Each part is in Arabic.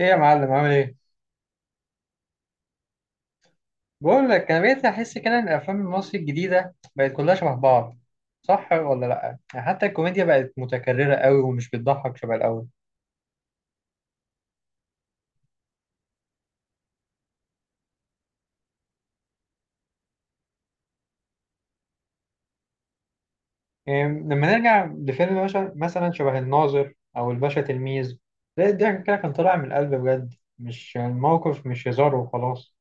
ايه يا معلم عامل ايه؟ بقول لك انا بقيت احس كده ان الافلام المصري الجديده بقت كلها شبه بعض. صح ولا لا؟ يعني حتى الكوميديا بقت متكرره قوي ومش بتضحك شبه الاول. يعني لما نرجع لفيلم مثلا شبه الناظر او الباشا تلميذ، تلاقي الضحك كده كان طالع من القلب بجد، مش الموقف مش هزار وخلاص.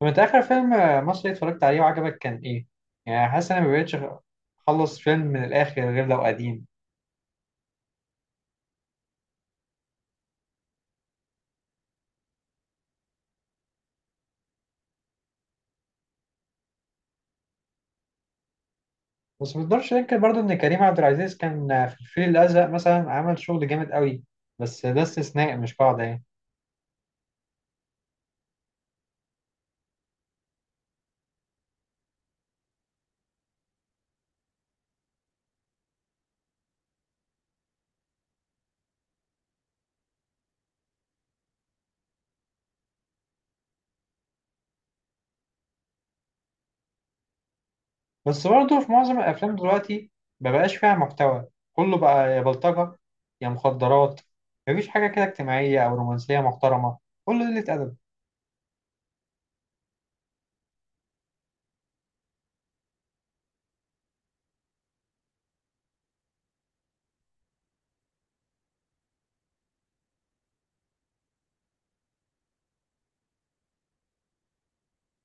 طب انت اخر فيلم مصري اتفرجت عليه وعجبك كان ايه؟ يعني حاسس ان انا ما بقتش اخلص فيلم من الاخر غير لو قديم. بس ما نقدرش ننكر برضه ان كريم عبد العزيز كان في الفيل الازرق مثلا عمل شغل جامد قوي، بس ده استثناء مش قاعده يعني. بس برضه في معظم الافلام دلوقتي ما بقاش فيها محتوى، كله بقى يا بلطجه يا مخدرات. مفيش حاجه كده اجتماعيه او رومانسيه محترمه، كله قله ادب.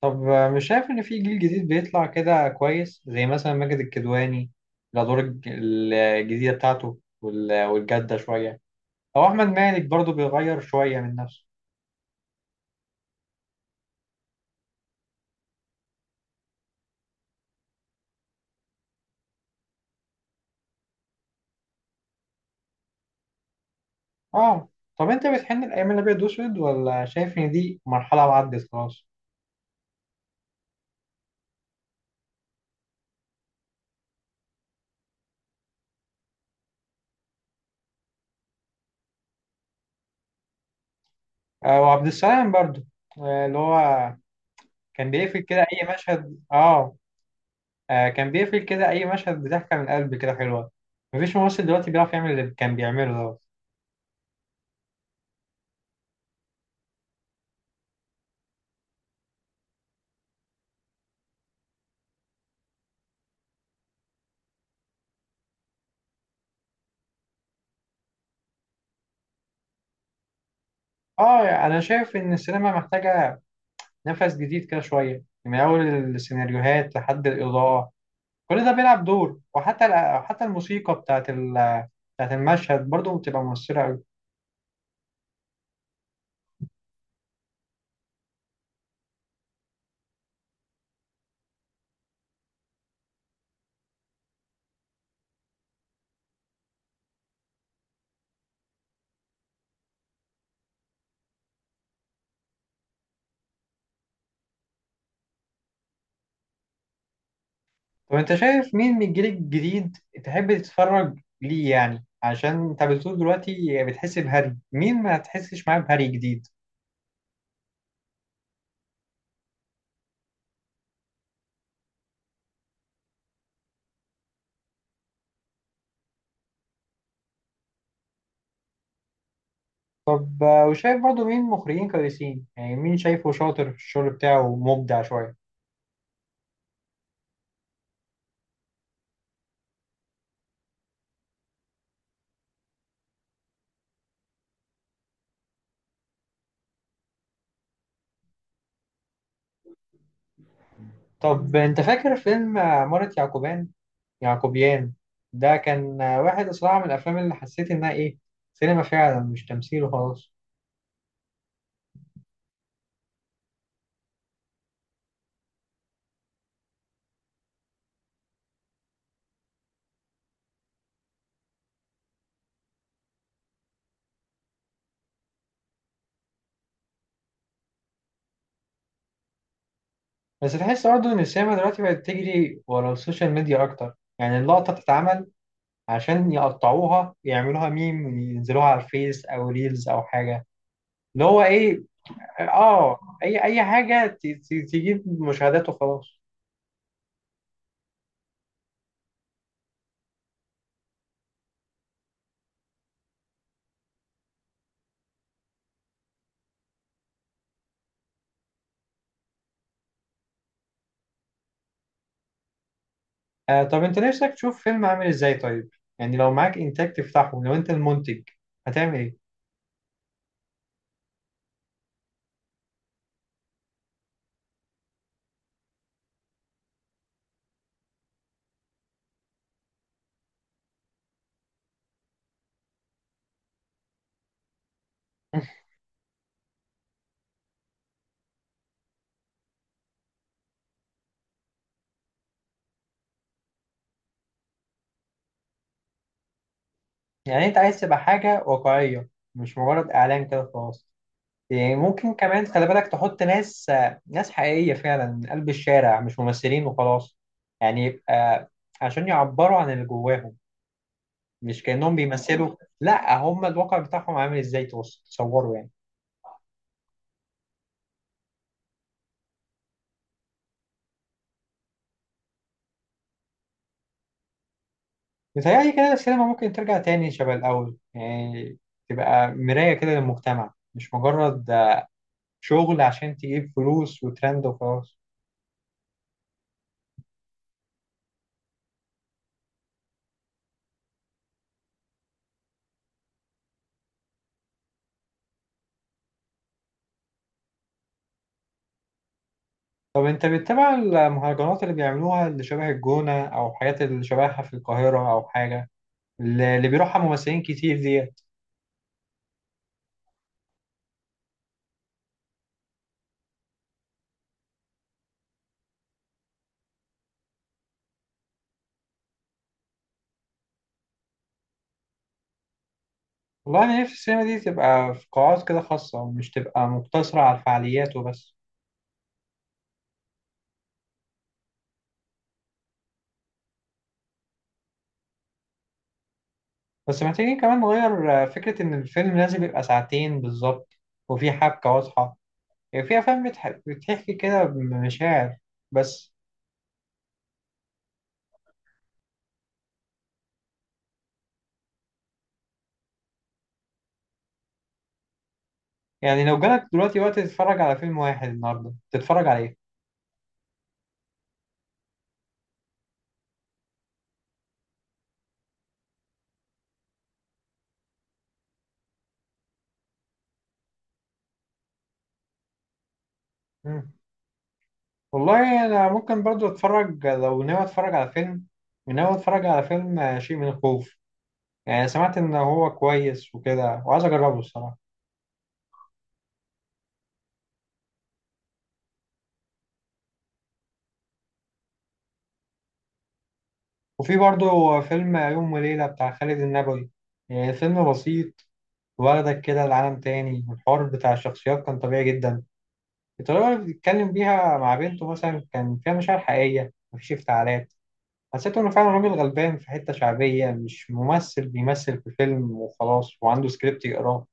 طب مش شايف ان في جيل جديد بيطلع كده كويس زي مثلا ماجد الكدواني؟ الادوار الجديده بتاعته والجاده شويه، او احمد مالك برضه بيغير شويه من نفسه. اه. طب انت بتحن الايام الابيض واسود ولا شايف ان دي مرحله وعدت خلاص؟ آه، وعبد السلام برضو. آه، اللي هو كان بيقفل كده اي مشهد، آه، كان بيقفل كده اي مشهد بضحكه من القلب، كده حلوه. مفيش ممثل دلوقتي بيعرف يعمل اللي كان بيعمله ده. اه. انا شايف ان السينما محتاجه نفس جديد كده شويه، من اول السيناريوهات لحد الاضاءه. كل ده بيلعب دور، وحتى حتى الموسيقى بتاعت المشهد برضو بتبقى مؤثره قوي. طب انت شايف مين من الجيل الجديد تحب تتفرج ليه؟ يعني عشان انت بتقول دلوقتي بتحس بهري مين ما تحسش معاه بهري جديد. طب وشايف برضو مين مخرجين كويسين؟ يعني مين شايفه شاطر في الشغل بتاعه، مبدع شوية. طب انت فاكر فيلم عمارة يعقوبيان؟ ده كان واحد صراحة من الافلام اللي حسيت انها ايه، سينما فعلا مش تمثيل وخلاص. بس تحس برضه ان السينما دلوقتي بقت تجري ورا السوشيال ميديا اكتر، يعني اللقطة بتتعمل عشان يقطعوها يعملوها ميم وينزلوها على الفيس او ريلز او حاجه، اللي هو ايه. اه، اي حاجه تجيب مشاهدات وخلاص. آه، طب انت نفسك تشوف فيلم عامل ازاي طيب؟ يعني لو معاك انتاج تفتحه، لو انت المنتج هتعمل ايه؟ يعني انت عايز تبقى حاجه واقعيه، مش مجرد اعلان كده خلاص. يعني ممكن كمان خلي بالك تحط ناس ناس حقيقيه فعلا من قلب الشارع، مش ممثلين وخلاص. يعني يبقى عشان يعبروا عن اللي جواهم، مش كأنهم بيمثلوا. لا، هم الواقع بتاعهم عامل ازاي تصوروا يعني. متهيألي كده السينما ممكن ترجع تاني شبه الأول، يعني تبقى مراية كده للمجتمع، مش مجرد شغل عشان تجيب فلوس وترند وخلاص. طب انت بتتابع المهرجانات اللي بيعملوها، اللي شبه الجونة او حاجات اللي شبهها في القاهرة او حاجة؟ اللي بيروحها ممثلين كتير ديت. والله انا نفسي السينما دي تبقى في قاعات كده خاصة، مش تبقى مقتصرة على الفعاليات وبس. بس محتاجين كمان نغير فكرة إن الفيلم لازم يبقى ساعتين بالظبط، وفي حبكة واضحة. يعني في أفلام بتحكي كده بمشاعر بس. يعني لو جالك دلوقتي وقت تتفرج على فيلم واحد النهاردة، تتفرج على إيه؟ مم. والله أنا ممكن برضو أتفرج. لو ناوي أتفرج على فيلم، شيء من الخوف. يعني سمعت إن هو كويس وكده، وعايز أجربه الصراحة. وفي برضو فيلم يوم وليلة بتاع خالد النبوي. يعني فيلم بسيط، واخدك كده لعالم تاني. الحوار بتاع الشخصيات كان طبيعي جدا. الطريقة اللي بيتكلم بيها مع بنته مثلا كان فيها مشاعر حقيقية، مفيش افتعالات. حسيت إنه فعلا راجل غلبان في حتة شعبية، مش ممثل بيمثل في فيلم وخلاص وعنده سكريبت يقراه.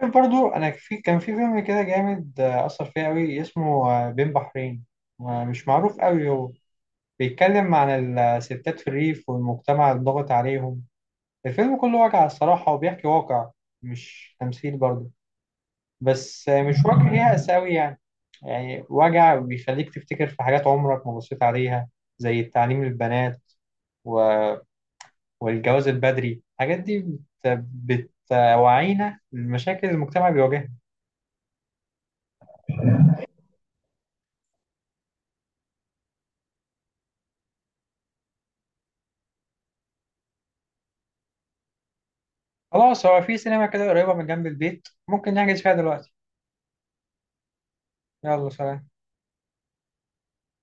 عارف برضو أنا كان في فيلم كده جامد أثر فيا أوي، اسمه بين بحرين. مش معروف أوي هو. بيتكلم عن الستات في الريف والمجتمع الضاغط عليهم. الفيلم كله واقع الصراحة، وبيحكي واقع، مش تمثيل برضه. بس مش وجع ليها أساوي يعني، يعني وجع بيخليك تفتكر في حاجات عمرك ما بصيت عليها، زي التعليم للبنات، و... والجواز البدري، الحاجات دي بت... بتوعينا المشاكل المجتمع بيواجهها. خلاص، هو في سينما كده قريبة من جنب البيت، ممكن نحجز فيها دلوقتي. يلا سلام.